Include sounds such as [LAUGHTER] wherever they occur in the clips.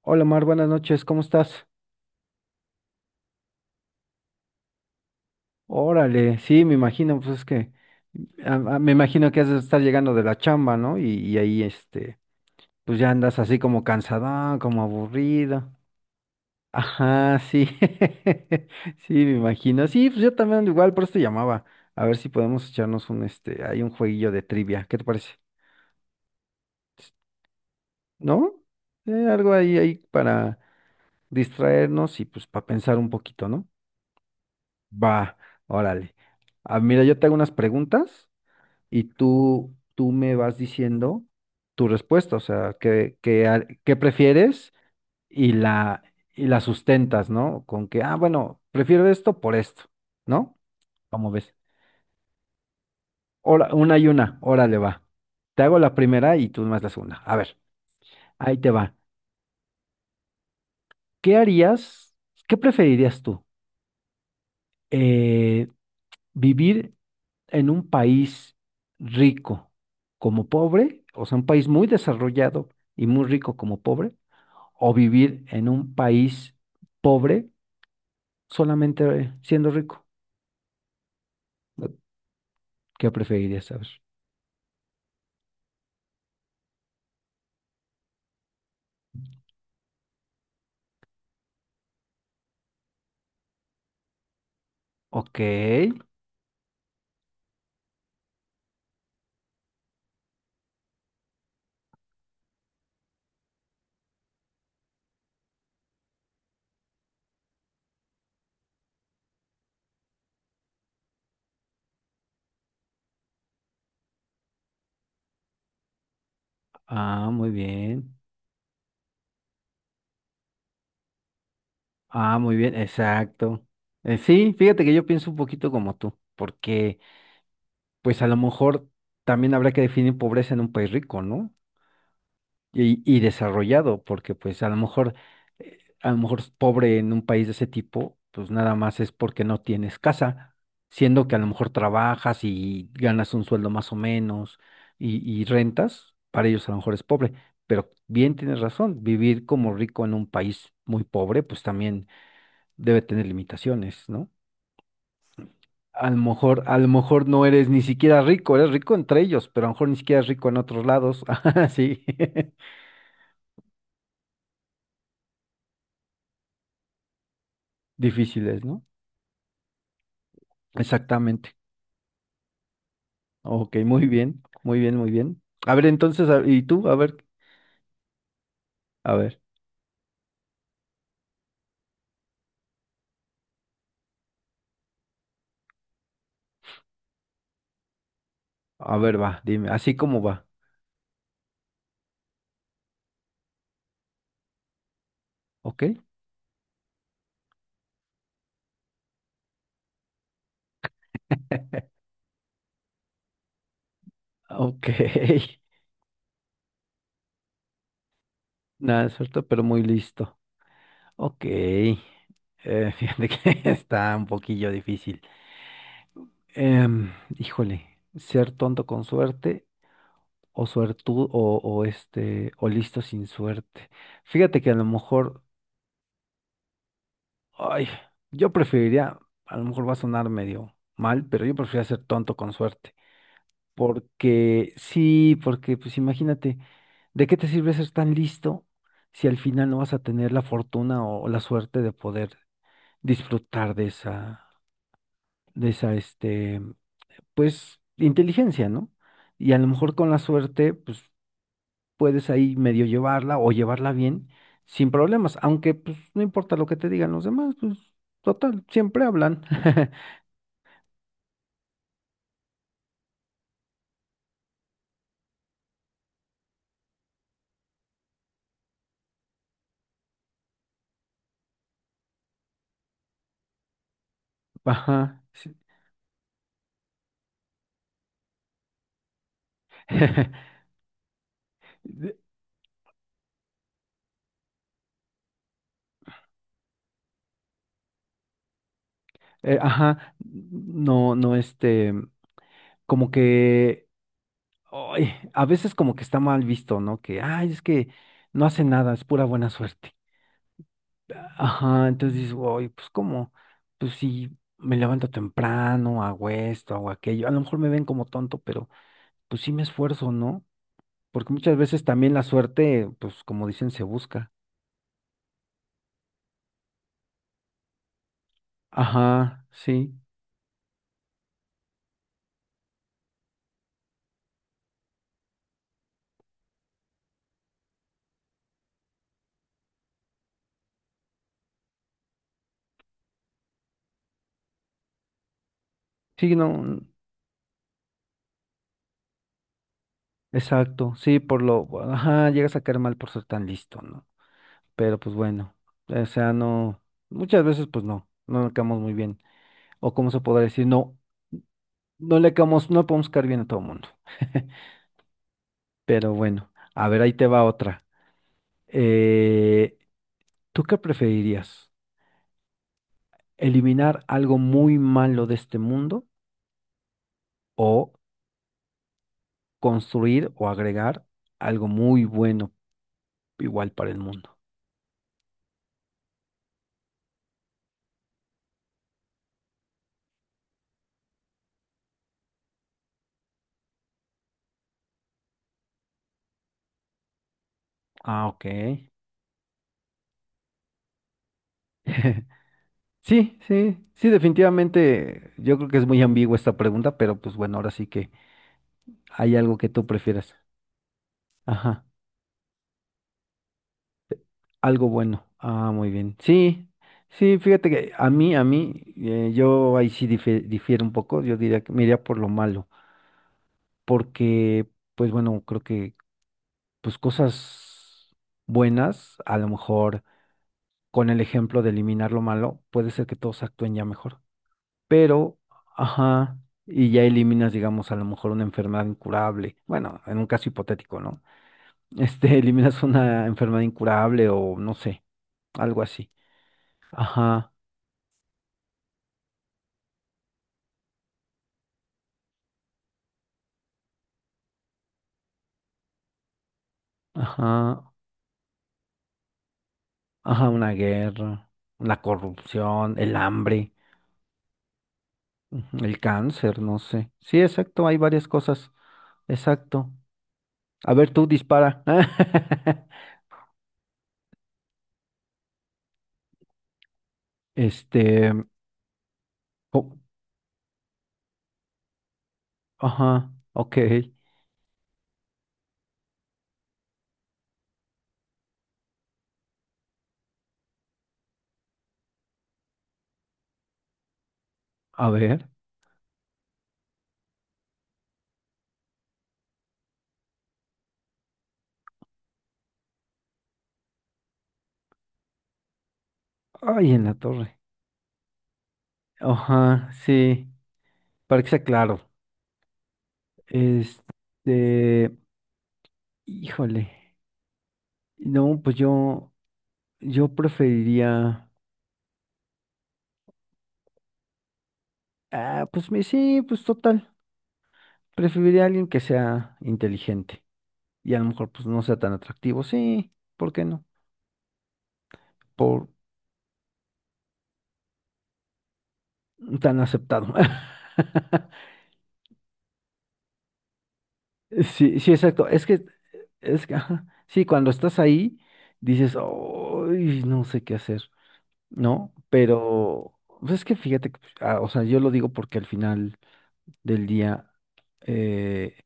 Hola Mar, buenas noches, ¿cómo estás? Órale, sí, me imagino, pues es que me imagino que has de estar llegando de la chamba, ¿no? Y ahí, pues ya andas así como cansada, como aburrida. Ajá, sí, [LAUGHS] sí, me imagino. Sí, pues yo también ando igual, por eso te llamaba. A ver si podemos echarnos un, hay un jueguillo de trivia, ¿qué te parece? S- ¿No? Algo ahí para distraernos y pues para pensar un poquito, ¿no? Va, órale. Ah, mira, yo te hago unas preguntas y tú me vas diciendo tu respuesta, o sea, que prefieres y y la sustentas, ¿no? Con que, ah, bueno, prefiero esto por esto, ¿no? ¿Cómo ves? Una y una, órale va. Te hago la primera y tú más la segunda. A ver, ahí te va. ¿Qué harías? ¿Qué preferirías tú? Eh, ¿Vivir en un país rico como pobre? O sea, un país muy desarrollado y muy rico como pobre o vivir en un país pobre solamente siendo rico. ¿Qué preferirías saber? Ok, ah, muy bien. Ah, muy bien, exacto. Sí, fíjate que yo pienso un poquito como tú, porque pues a lo mejor también habrá que definir pobreza en un país rico, ¿no? Y desarrollado, porque pues a lo mejor es pobre en un país de ese tipo, pues nada más es porque no tienes casa, siendo que a lo mejor trabajas y ganas un sueldo más o menos y rentas, para ellos a lo mejor es pobre, pero bien tienes razón, vivir como rico en un país muy pobre, pues también debe tener limitaciones, ¿no? A lo mejor no eres ni siquiera rico, eres rico entre ellos, pero a lo mejor ni siquiera es rico en otros lados, [LAUGHS] así, [LAUGHS] difíciles, no. Exactamente. Ok, muy bien, muy bien, muy bien. A ver, entonces, a- ¿y tú? A ver, a ver, a ver, va, dime, así como va. Ok, ok. [LAUGHS] Nada de pero muy listo. Ok. Fíjate que [LAUGHS] está un poquillo difícil. Em, híjole, ser tonto con suerte o suertud o, o listo sin suerte. Fíjate que a lo mejor, ay, yo preferiría, a lo mejor va a sonar medio mal, pero yo preferiría ser tonto con suerte. Porque sí, porque pues imagínate, ¿de qué te sirve ser tan listo si al final no vas a tener la fortuna o, la suerte de poder disfrutar de esa pues, inteligencia, ¿no? Y a lo mejor con la suerte, pues, puedes ahí medio llevarla o llevarla bien sin problemas, aunque pues no importa lo que te digan los demás, pues, total, siempre hablan. [LAUGHS] Ajá, sí. [LAUGHS] Ajá, no, no como que ay, a veces como que está mal visto, ¿no? Que, ay, es que no hace nada, es pura buena suerte. Ajá, entonces dices, oye, pues cómo, pues si me levanto temprano, hago esto, hago aquello, a lo mejor me ven como tonto, pero pues sí me esfuerzo, ¿no? Porque muchas veces también la suerte, pues como dicen, se busca. Ajá, sí, sí, no, exacto, sí, por lo, ajá, llegas a caer mal por ser tan listo, ¿no? Pero pues bueno, o sea, no, muchas veces pues no, no le caemos muy bien. O cómo se podrá decir, no, no le caemos, no podemos caer bien a todo el mundo. [LAUGHS] Pero bueno, a ver, ahí te va otra. Eh, ¿Tú qué preferirías? ¿Eliminar algo muy malo de este mundo o construir o agregar algo muy bueno igual para el mundo? Ah, ok. [LAUGHS] Sí, sí, sí, definitivamente yo creo que es muy ambigua esta pregunta, pero pues bueno, ahora sí que hay algo que tú prefieras. Ajá, algo bueno. Ah, muy bien. Sí, sí, fíjate que a mí, yo ahí sí difiero un poco. Yo diría que me iría por lo malo, porque, pues bueno, creo que, pues cosas buenas, a lo mejor con el ejemplo de eliminar lo malo, puede ser que todos actúen ya mejor. Pero, ajá, y ya eliminas, digamos, a lo mejor una enfermedad incurable. Bueno, en un caso hipotético, ¿no? [LAUGHS] Eliminas una enfermedad incurable o no sé algo así. Ajá, ajá, ajá, una guerra, la corrupción, el hambre, ujú, el cáncer, no sé. Sí, exacto, hay varias cosas. Exacto. A ver, tú dispara. [LAUGHS] Este, co- ajá, ok. A ver. Ay, en la torre. Ajá, sí, para que sea claro. Este, híjole. No, pues yo preferiría. Ah, pues me, sí, pues total. Preferiría a alguien que sea inteligente y a lo mejor pues no sea tan atractivo. Sí, ¿por qué no? Por tan aceptado. [LAUGHS] Sí, sí, exacto. Es que, ajá. Sí, cuando estás ahí, dices, "Ay, no sé qué hacer, ¿no? Pero, pues es que fíjate, que, pues, ah, o sea, yo lo digo porque al final del día, eh,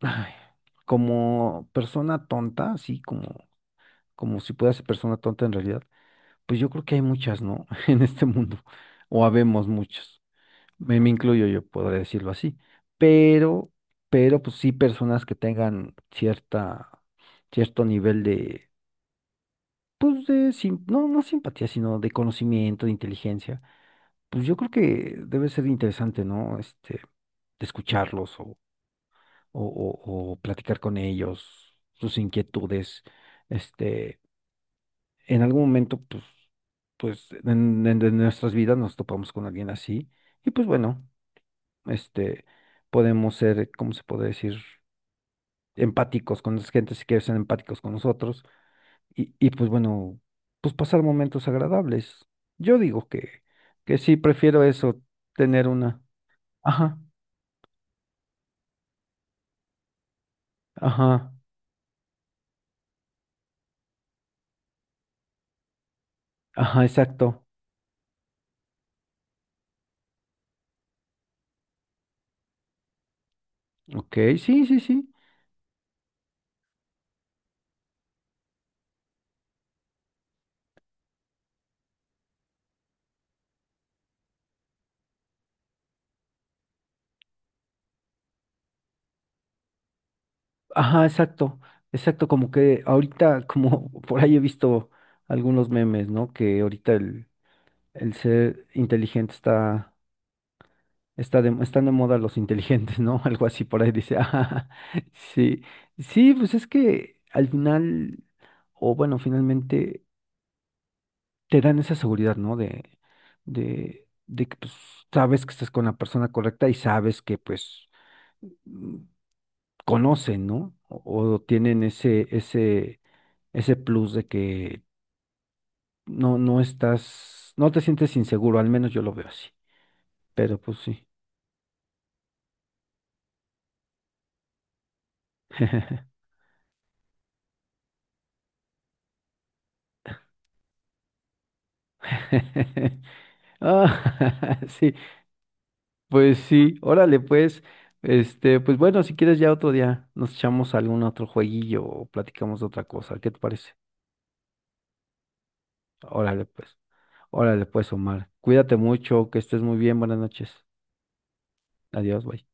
ay, como persona tonta, sí, como, como si pueda ser persona tonta en realidad. Pues yo creo que hay muchas, ¿no? [LAUGHS] En este mundo, o habemos muchas. Me incluyo yo, podría decirlo así. Pero, pero pues sí personas que tengan cierto nivel de, pues de, no, no simpatía, sino de conocimiento, de inteligencia. Pues yo creo que debe ser interesante, ¿no? Este, de escucharlos o platicar con ellos, sus inquietudes, este en algún momento, pues, pues en, en nuestras vidas nos topamos con alguien así y pues bueno, este, podemos ser, ¿cómo se puede decir? Empáticos con las gentes si quieren ser empáticos con nosotros y pues bueno, pues pasar momentos agradables. Yo digo que sí, prefiero eso, tener una. Ajá, ajá, ajá, exacto. Ok, sí, sí, sí. Ajá, exacto, exacto, como que ahorita, como [LAUGHS] por ahí he visto algunos memes, ¿no? Que ahorita el ser inteligente está de, están de moda los inteligentes, ¿no? [LAUGHS] Algo así por ahí dice, [LAUGHS] ah, sí, sí, pues es que al final, o bueno, finalmente te dan esa seguridad, ¿no? De que pues sabes que estás con la persona correcta y sabes que pues mm, conocen, ¿no? O tienen ese ese plus de que no, no estás, no te sientes inseguro, al menos yo lo veo así. Pero pues sí. [LAUGHS] Ah, [LAUGHS] sí, pues sí, órale, pues. Este, pues bueno, si quieres ya otro día nos echamos algún otro jueguillo o platicamos de otra cosa. ¿Qué te parece? Órale, pues. Órale, pues, Omar. Cuídate mucho, que estés muy bien. Buenas noches. Adiós, bye.